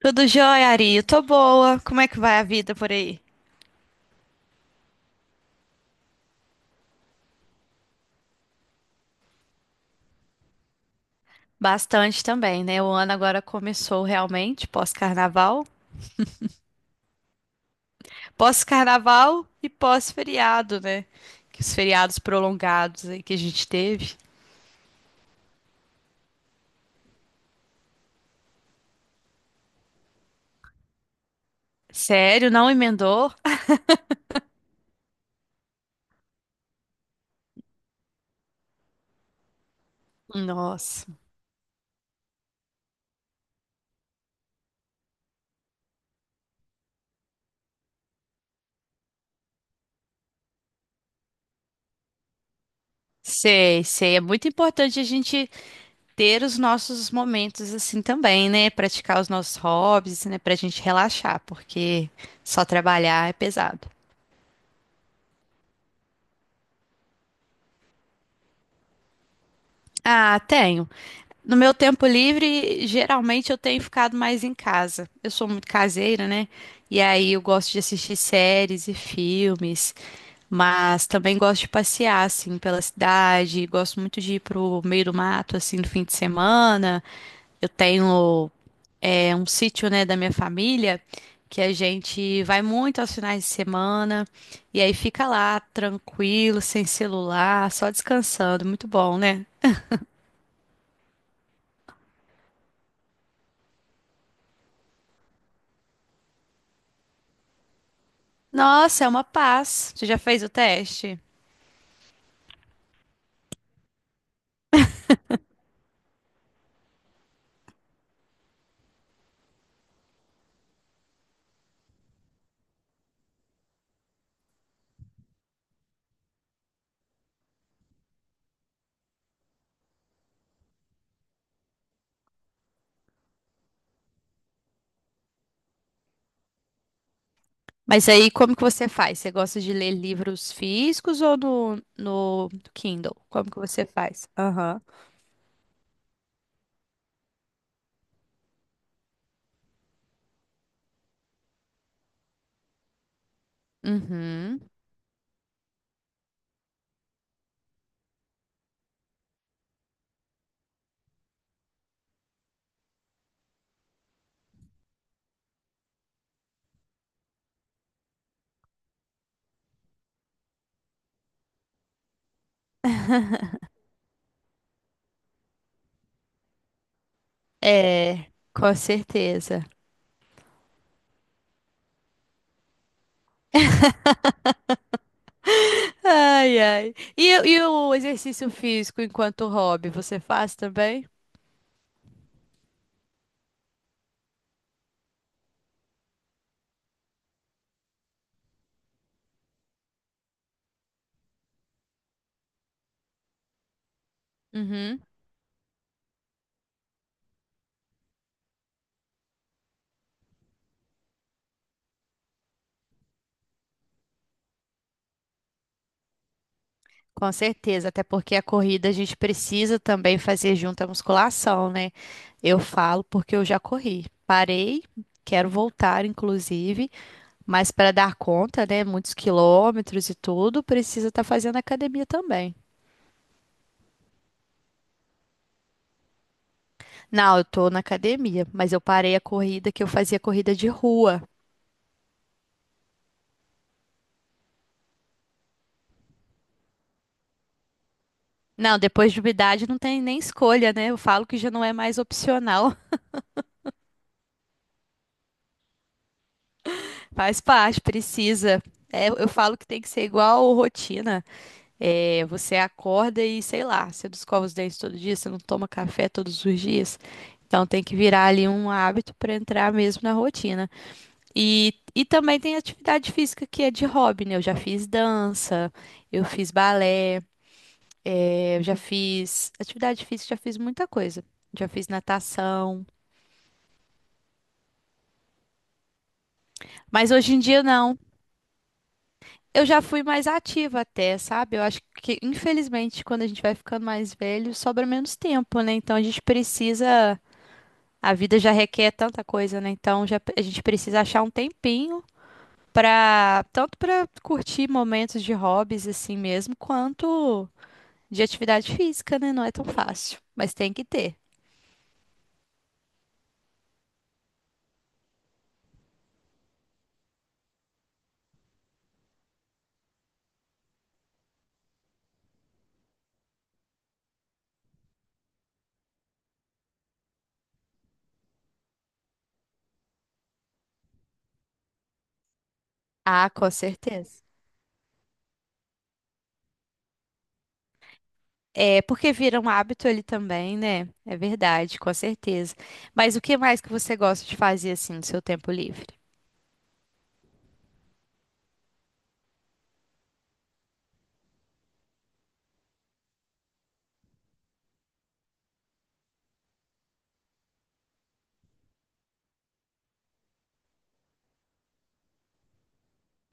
Tudo jóia, Ari? Eu tô boa. Como é que vai a vida por aí? Bastante também, né? O ano agora começou realmente, pós-carnaval. Pós-carnaval e pós-feriado, né? Que os feriados prolongados aí que a gente teve. Sério, não emendou? Nossa. Sei, sei. É muito importante a gente ter os nossos momentos assim também, né? Praticar os nossos hobbies, né? Pra gente relaxar, porque só trabalhar é pesado. Ah, tenho. No meu tempo livre, geralmente eu tenho ficado mais em casa. Eu sou muito caseira, né? E aí eu gosto de assistir séries e filmes, mas também gosto de passear, assim, pela cidade. Gosto muito de ir pro meio do mato, assim, no fim de semana. Eu tenho, um sítio, né, da minha família, que a gente vai muito aos finais de semana. E aí fica lá, tranquilo, sem celular, só descansando. Muito bom, né? Nossa, é uma paz. Você já fez o teste? Mas aí, como que você faz? Você gosta de ler livros físicos ou no Kindle? Como que você faz? Aham. Uhum. É, com certeza. Ai, ai. E o exercício físico enquanto hobby, você faz também? Uhum. Com certeza, até porque a corrida a gente precisa também fazer junto a musculação, né? Eu falo porque eu já corri. Parei, quero voltar, inclusive, mas para dar conta, né, muitos quilômetros e tudo, precisa estar fazendo academia também. Não, eu tô na academia, mas eu parei a corrida que eu fazia corrida de rua. Não, depois de uma idade não tem nem escolha, né? Eu falo que já não é mais opcional, faz parte, precisa. É, eu falo que tem que ser igual rotina. É, você acorda e, sei lá, você não escova os dentes todo dia, você não toma café todos os dias. Então tem que virar ali um hábito para entrar mesmo na rotina. E também tem atividade física que é de hobby, né? Eu já fiz dança, eu fiz balé, eu já fiz atividade física, já fiz muita coisa. Já fiz natação, mas hoje em dia não. Eu já fui mais ativa até, sabe? Eu acho que, infelizmente, quando a gente vai ficando mais velho, sobra menos tempo, né? Então a gente precisa. A vida já requer tanta coisa, né? Então já, a gente precisa achar um tempinho para tanto para curtir momentos de hobbies assim mesmo, quanto de atividade física, né? Não é tão fácil, mas tem que ter. Ah, com certeza. É porque vira um hábito ali também, né? É verdade, com certeza. Mas o que mais que você gosta de fazer assim no seu tempo livre?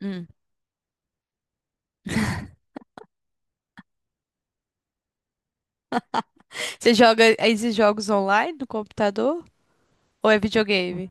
Hum. Você joga esses jogos online no computador ou é videogame?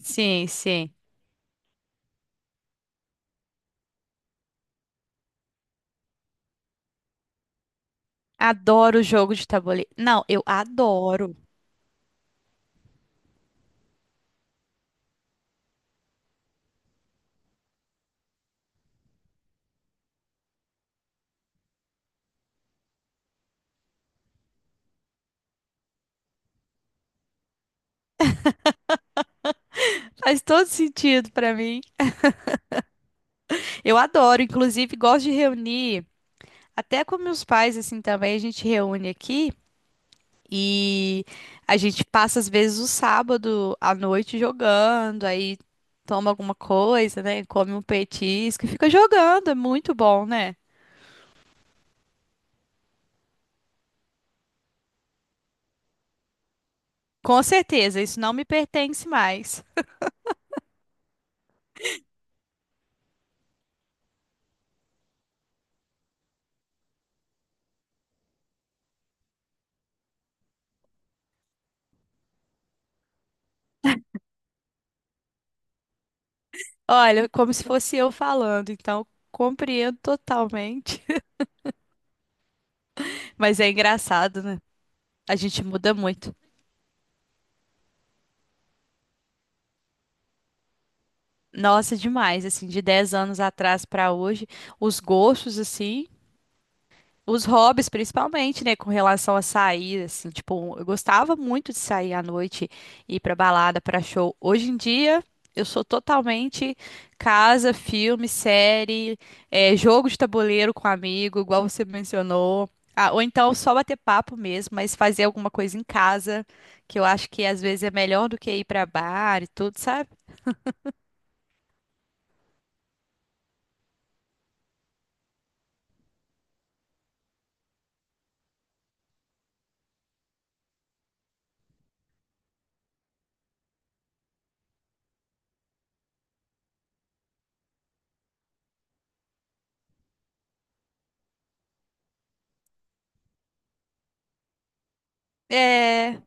Sim, sim. Adoro jogo de tabuleiro. Não, eu adoro. Faz todo sentido pra mim. Eu adoro, inclusive gosto de reunir, até com meus pais assim também, a gente reúne aqui e a gente passa às vezes o sábado à noite jogando, aí toma alguma coisa, né? Come um petisco e fica jogando, é muito bom, né? Com certeza, isso não me pertence mais. Olha, como se fosse eu falando, então compreendo totalmente. Mas é engraçado, né? A gente muda muito. Nossa, demais, assim, de 10 anos atrás pra hoje, os gostos, assim, os hobbies principalmente, né, com relação a sair, assim, tipo, eu gostava muito de sair à noite, ir pra balada, pra show. Hoje em dia, eu sou totalmente casa, filme, série, jogo de tabuleiro com amigo, igual você mencionou. Ah, ou então só bater papo mesmo, mas fazer alguma coisa em casa, que eu acho que às vezes é melhor do que ir pra bar e tudo, sabe? É,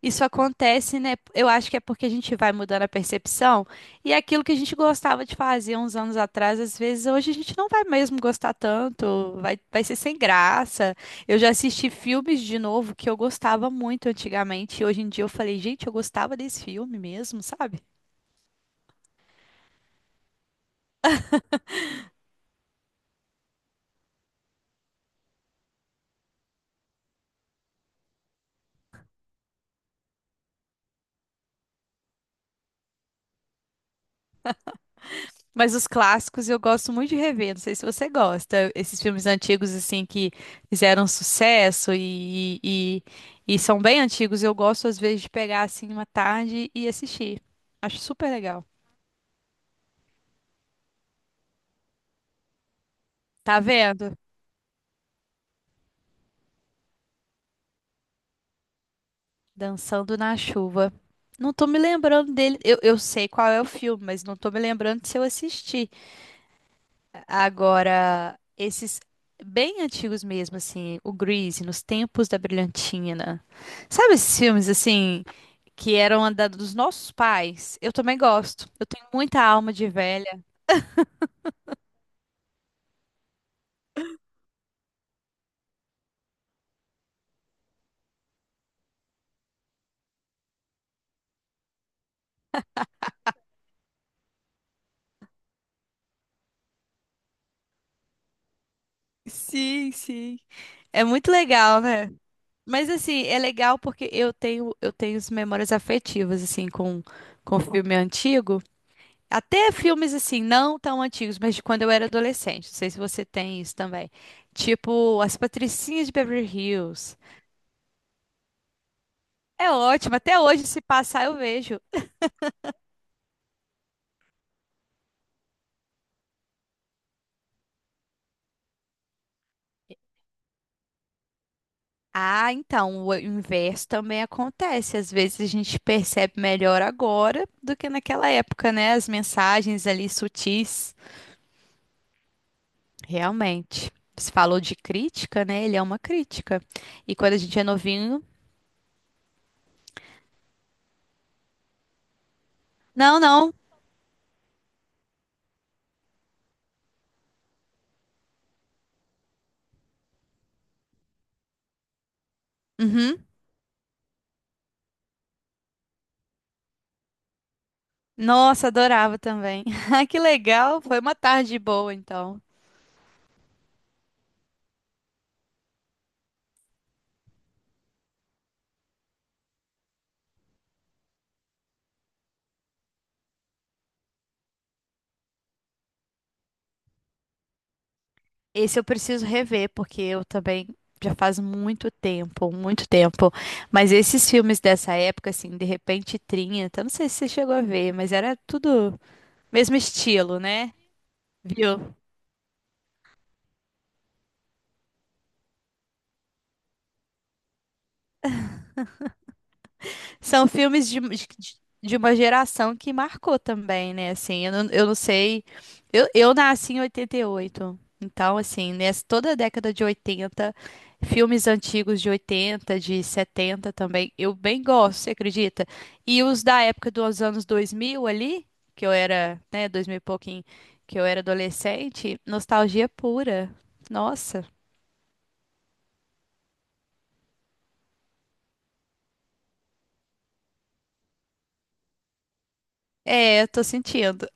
isso acontece, né? Eu acho que é porque a gente vai mudando a percepção e é aquilo que a gente gostava de fazer uns anos atrás, às vezes hoje a gente não vai mesmo gostar tanto, vai ser sem graça. Eu já assisti filmes de novo que eu gostava muito antigamente e hoje em dia eu falei, gente, eu gostava desse filme mesmo, sabe? Mas os clássicos eu gosto muito de rever. Não sei se você gosta. Esses filmes antigos, assim, que fizeram sucesso e são bem antigos, eu gosto, às vezes, de pegar, assim, uma tarde e assistir. Acho super legal. Tá vendo? Dançando na chuva. Não tô me lembrando dele. Eu sei qual é o filme, mas não tô me lembrando de se eu assisti. Agora, esses bem antigos mesmo, assim, o Grease, Nos Tempos da Brilhantina. Sabe esses filmes, assim que eram dos nossos pais, eu também gosto. Eu tenho muita alma de velha. Sim, sim. É muito legal, né? Mas assim, é legal porque eu tenho as memórias afetivas assim com filme antigo, até filmes assim não tão antigos, mas de quando eu era adolescente. Não sei se você tem isso também. Tipo As Patricinhas de Beverly Hills. É ótimo, até hoje se passar eu vejo. Ah, então, o inverso também acontece. Às vezes a gente percebe melhor agora do que naquela época, né? As mensagens ali sutis. Realmente. Você falou de crítica, né? Ele é uma crítica. E quando a gente é novinho. Não, não. Uhum. Nossa, adorava também. Ah, que legal. Foi uma tarde boa, então. Esse eu preciso rever, porque eu também já faz muito tempo, muito tempo. Mas esses filmes dessa época, assim, de repente 30, não sei se você chegou a ver, mas era tudo mesmo estilo, né? Viu? São filmes de, de uma geração que marcou também, né? Assim, eu não sei. Eu nasci em 88. Então, assim, nessa, toda a década de 80, filmes antigos de 80, de 70 também, eu bem gosto, você acredita? E os da época dos anos 2000 ali, que eu era, né, 2000 e pouquinho, que eu era adolescente, nostalgia pura. Nossa. É, eu tô sentindo.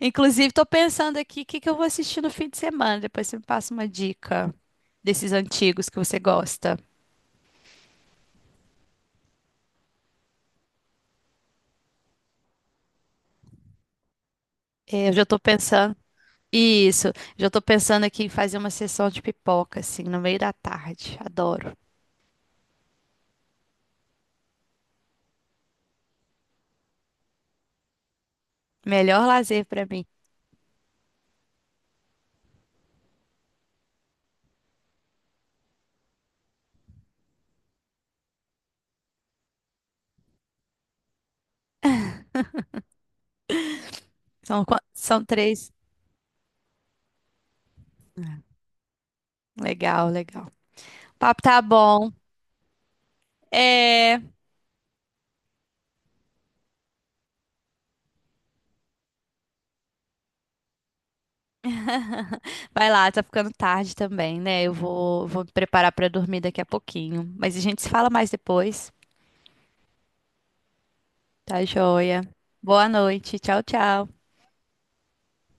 Inclusive, tô pensando aqui o que que eu vou assistir no fim de semana. Depois você me passa uma dica desses antigos que você gosta. É, eu já tô pensando. Isso, já tô pensando aqui em fazer uma sessão de pipoca, assim, no meio da tarde. Adoro. Melhor lazer pra mim. São três. Legal, legal. O papo tá bom. É. Vai lá, tá ficando tarde também, né? Eu vou me preparar pra dormir daqui a pouquinho. Mas a gente se fala mais depois. Tá joia. Boa noite. Tchau, tchau.